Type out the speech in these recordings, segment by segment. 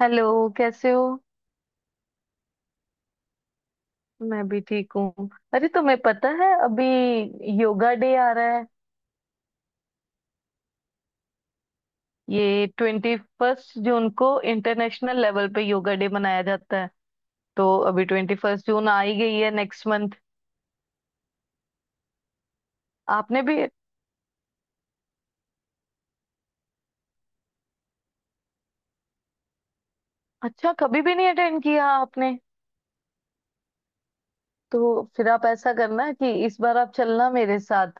Hello. कैसे हो? मैं भी ठीक हूँ। अरे तुम्हें पता है अभी योगा डे आ रहा है। ये 21st जून को इंटरनेशनल लेवल पे योगा डे मनाया जाता है। तो अभी 21st जून आ ही गई है नेक्स्ट मंथ। आपने भी? अच्छा, कभी भी नहीं अटेंड किया आपने? तो फिर आप ऐसा करना कि इस बार आप चलना मेरे साथ।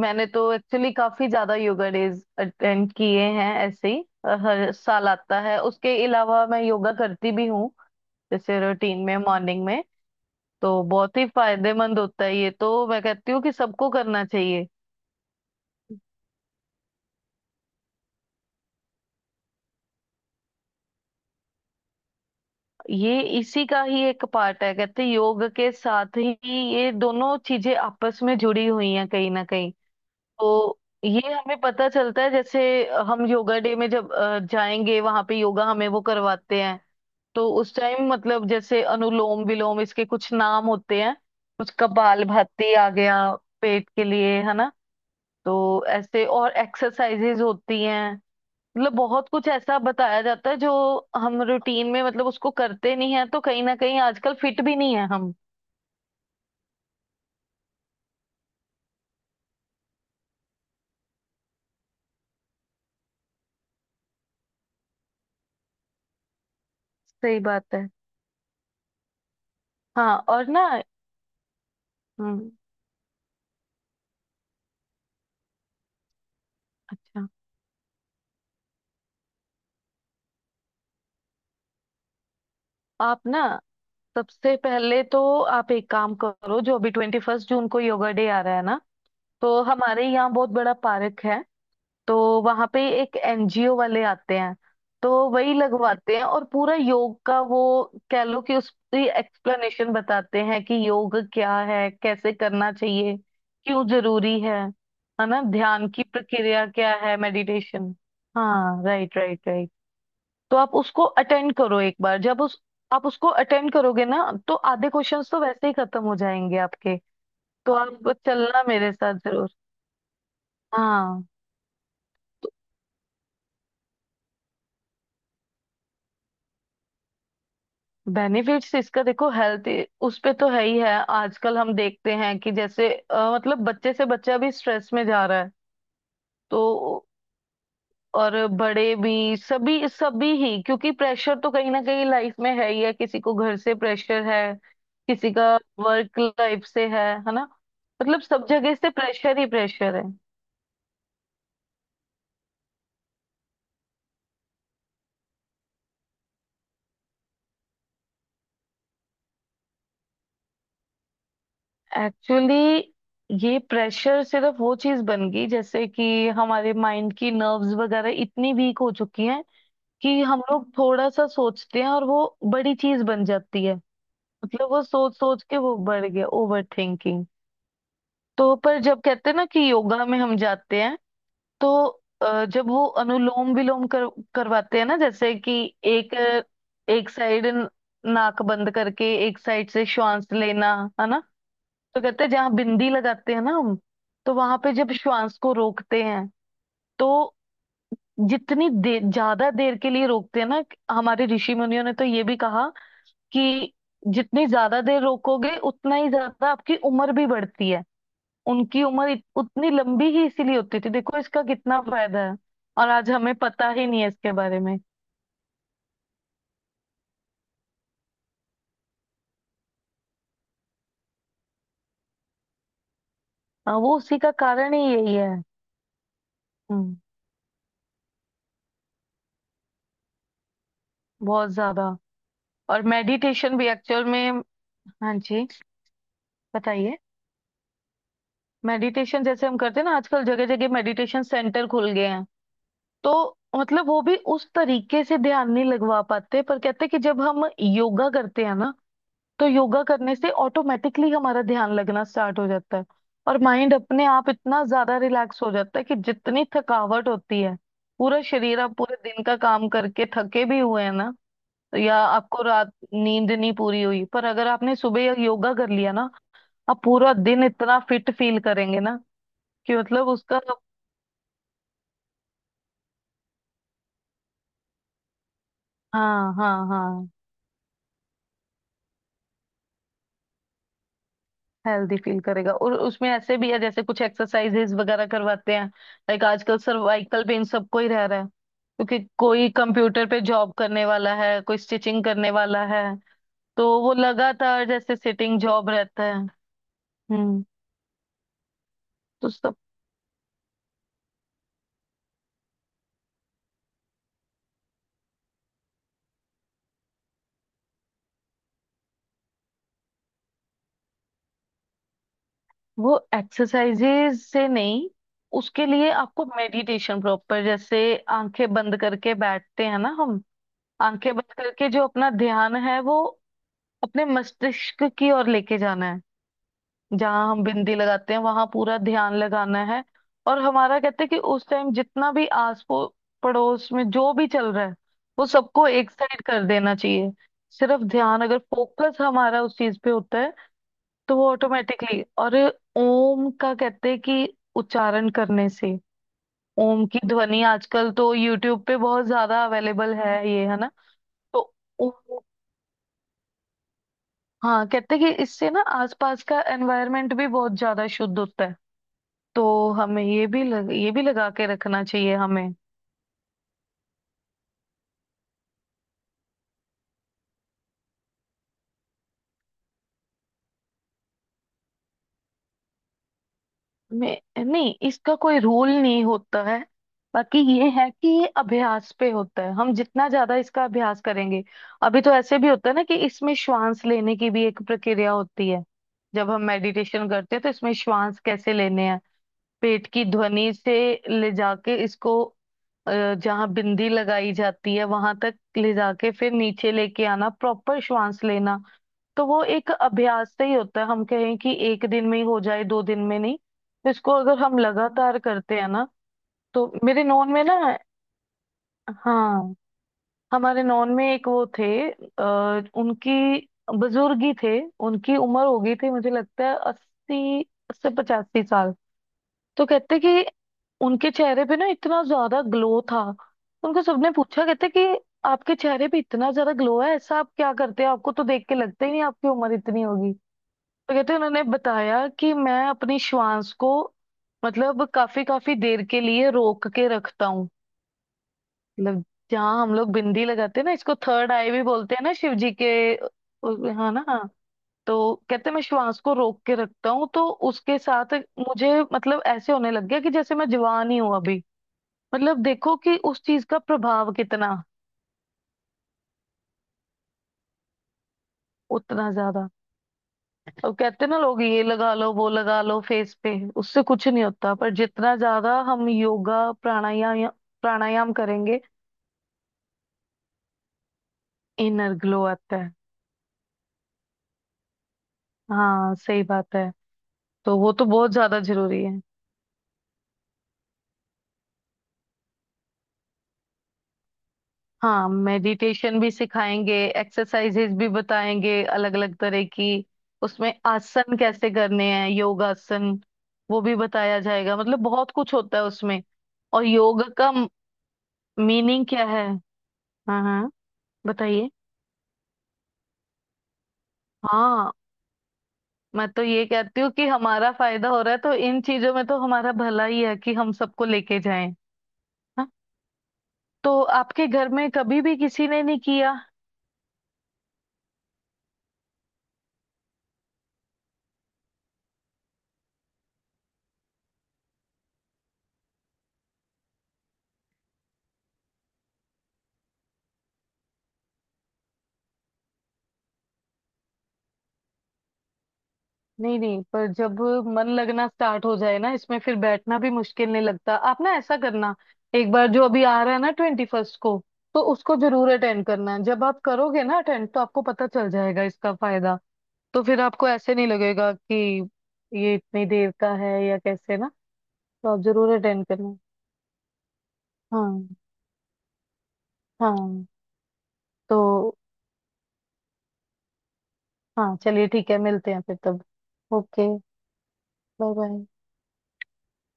मैंने तो एक्चुअली काफी ज्यादा योगा डेज अटेंड किए हैं ऐसे ही। हर साल आता है। उसके अलावा मैं योगा करती भी हूँ, जैसे रूटीन में मॉर्निंग में। तो बहुत ही फायदेमंद होता है, ये तो मैं कहती हूँ कि सबको करना चाहिए। ये इसी का ही एक पार्ट है, कहते हैं योग के साथ ही ये दोनों चीजें आपस में जुड़ी हुई हैं कहीं ना कहीं। तो ये हमें पता चलता है, जैसे हम योगा डे में जब जाएंगे वहां पे योगा हमें वो करवाते हैं। तो उस टाइम मतलब जैसे अनुलोम विलोम, इसके कुछ नाम होते हैं। कुछ कपाल भाती आ गया, पेट के लिए है ना। तो ऐसे और एक्सरसाइजेज होती हैं। मतलब बहुत कुछ ऐसा बताया जाता है जो हम रूटीन में मतलब उसको करते नहीं है, तो कहीं ना कहीं आजकल फिट भी नहीं है हम। सही बात है। हाँ और ना। हम्म। अच्छा, आप ना सबसे पहले तो आप एक काम करो। जो अभी 21st जून को योगा डे आ रहा है ना, तो हमारे यहाँ बहुत बड़ा पार्क है। तो वहां पे एक एनजीओ वाले आते हैं। तो वही लगवाते हैं और पूरा योग का वो, कह लो कि उसकी एक्सप्लेनेशन बताते हैं कि योग क्या है, कैसे करना चाहिए, क्यों जरूरी है ना? ध्यान की प्रक्रिया क्या है, मेडिटेशन। हाँ, राइट राइट राइट। तो आप उसको अटेंड करो एक बार। जब उस, आप उसको अटेंड करोगे ना, तो आधे क्वेश्चंस तो वैसे ही खत्म हो जाएंगे आपके। तो आप चलना मेरे साथ जरूर। हाँ, तो बेनिफिट्स इसका देखो, हेल्थ उस पे तो है ही है। आजकल हम देखते हैं कि जैसे मतलब बच्चे से बच्चा भी स्ट्रेस में जा रहा है। तो और बड़े भी सभी सभी ही, क्योंकि प्रेशर तो कहीं ना कहीं लाइफ में है ही है। किसी को घर से प्रेशर है, किसी का वर्क लाइफ से है ना? मतलब सब जगह से प्रेशर ही प्रेशर है। एक्चुअली ये प्रेशर सिर्फ वो चीज बन गई, जैसे कि हमारे माइंड की नर्व्स वगैरह इतनी वीक हो चुकी हैं कि हम लोग थोड़ा सा सोचते हैं और वो बड़ी चीज बन जाती है। मतलब वो सोच सोच के वो बढ़ गया, ओवर थिंकिंग। तो पर जब कहते हैं ना कि योगा में हम जाते हैं, तो जब वो अनुलोम विलोम कर करवाते हैं ना, जैसे कि एक एक साइड नाक बंद करके एक साइड से श्वास लेना, है ना? तो कहते हैं जहाँ बिंदी लगाते हैं ना हम, तो वहां पे जब श्वास को रोकते हैं, तो जितनी देर, ज्यादा देर के लिए रोकते हैं ना, हमारे ऋषि मुनियों ने तो ये भी कहा कि जितनी ज्यादा देर रोकोगे उतना ही ज्यादा आपकी उम्र भी बढ़ती है। उनकी उम्र उतनी लंबी ही इसीलिए होती थी। देखो इसका कितना फायदा है, और आज हमें पता ही नहीं है इसके बारे में। हाँ, वो उसी का कारण ही यही है। हम्म, बहुत ज्यादा। और मेडिटेशन भी एक्चुअल में, हाँ जी बताइए। मेडिटेशन जैसे हम करते हैं ना, आजकल जगह जगह मेडिटेशन सेंटर खुल गए हैं। तो मतलब वो भी उस तरीके से ध्यान नहीं लगवा पाते, पर कहते हैं कि जब हम योगा करते हैं ना, तो योगा करने से ऑटोमेटिकली हमारा ध्यान लगना स्टार्ट हो जाता है। और माइंड अपने आप इतना ज्यादा रिलैक्स हो जाता है कि जितनी थकावट होती है, पूरा शरीर, आप पूरे दिन का काम करके थके भी हुए हैं ना, या आपको रात नींद नहीं पूरी हुई, पर अगर आपने सुबह योगा कर लिया ना, आप पूरा दिन इतना फिट फील करेंगे ना, कि मतलब उसका, हाँ हाँ हाँ, हेल्दी फील करेगा। और उसमें ऐसे भी है जैसे कुछ एक्सरसाइजेस वगैरह करवाते हैं। लाइक आजकल सर्वाइकल पेन सबको ही रह रहा है, क्योंकि कोई कंप्यूटर पे जॉब करने वाला है, कोई स्टिचिंग करने वाला है। तो वो लगातार जैसे सिटिंग जॉब रहता है। हम्म। तो सब, वो एक्सरसाइजेस से नहीं, उसके लिए आपको मेडिटेशन प्रॉपर, जैसे आंखें बंद करके बैठते हैं ना हम। आंखें बंद करके जो अपना ध्यान है वो अपने मस्तिष्क की ओर लेके जाना है। जहाँ हम बिंदी लगाते हैं, वहां पूरा ध्यान लगाना है। और हमारा कहते हैं कि उस टाइम जितना भी पड़ोस में जो भी चल रहा है, वो सबको एक साइड कर देना चाहिए। सिर्फ ध्यान, अगर फोकस हमारा उस चीज पे होता है, तो वो ऑटोमेटिकली, और ओम का कहते हैं कि उच्चारण करने से, ओम की ध्वनि आजकल तो यूट्यूब पे बहुत ज्यादा अवेलेबल है ये, है ना? तो ओम, हाँ, कहते हैं कि इससे ना आसपास का एनवायरनमेंट भी बहुत ज्यादा शुद्ध होता है। तो हमें ये भी लगा के रखना चाहिए हमें। नहीं, इसका कोई रूल नहीं होता है। बाकी ये है कि ये अभ्यास पे होता है, हम जितना ज्यादा इसका अभ्यास करेंगे। अभी तो ऐसे भी होता है ना कि इसमें श्वास लेने की भी एक प्रक्रिया होती है। जब हम मेडिटेशन करते हैं तो इसमें श्वास कैसे लेने हैं, पेट की ध्वनि से ले जाके इसको, अ, जहाँ बिंदी लगाई जाती है वहां तक ले जाके फिर नीचे लेके आना, प्रॉपर श्वास लेना। तो वो एक अभ्यास से ही होता है, हम कहें कि एक दिन में ही हो जाए, दो दिन में, नहीं। तो इसको अगर हम लगातार करते हैं ना, तो मेरे नॉन में ना, हाँ, हमारे नॉन में एक वो थे, उनकी, बुजुर्ग ही थे, उनकी उम्र हो गई थी, मुझे लगता है 80 से 85 साल। तो कहते कि उनके चेहरे पे ना इतना ज्यादा ग्लो था। उनको सबने पूछा, कहते कि आपके चेहरे पे इतना ज्यादा ग्लो है, ऐसा आप क्या करते हैं, आपको तो देख के लगता ही नहीं आपकी उम्र इतनी होगी। तो कहते हैं, उन्होंने बताया कि मैं अपनी श्वास को मतलब काफी काफी देर के लिए रोक के रखता हूँ। मतलब जहाँ हम लोग बिंदी लगाते हैं ना, इसको थर्ड आई भी बोलते हैं ना, शिव जी के हाँ ना। तो कहते हैं, मैं श्वास को रोक के रखता हूँ, तो उसके साथ मुझे मतलब ऐसे होने लग गया कि जैसे मैं जवान ही हूँ अभी। मतलब देखो कि उस चीज का प्रभाव कितना, उतना ज्यादा। अब कहते हैं ना लोग ये लगा लो वो लगा लो फेस पे, उससे कुछ नहीं होता, पर जितना ज्यादा हम योगा, प्राणायाम करेंगे, इनर ग्लो आता है। हाँ, सही बात है। तो वो तो बहुत ज्यादा जरूरी है। हाँ, मेडिटेशन भी सिखाएंगे, एक्सरसाइजेज भी बताएंगे अलग अलग तरह की। उसमें आसन कैसे करने हैं, योगासन, वो भी बताया जाएगा। मतलब बहुत कुछ होता है उसमें। और योग का मीनिंग क्या है, हाँ हाँ बताइए। हाँ, मैं तो ये कहती हूँ कि हमारा फायदा हो रहा है, तो इन चीजों में तो हमारा भला ही है कि हम सबको लेके जाएं। हाँ? तो आपके घर में कभी भी किसी ने नहीं किया? नहीं नहीं, पर जब मन लगना स्टार्ट हो जाए ना इसमें, फिर बैठना भी मुश्किल नहीं लगता। आप ना ऐसा करना, एक बार जो अभी आ रहा है ना 21st को, तो उसको जरूर अटेंड करना है। जब आप करोगे ना अटेंड, तो आपको पता चल जाएगा इसका फायदा। तो फिर आपको ऐसे नहीं लगेगा कि ये इतनी देर का है या कैसे, ना? तो आप जरूर अटेंड करना। हाँ, हाँ। तो हाँ, चलिए ठीक है, मिलते हैं फिर तब। Okay, bye bye.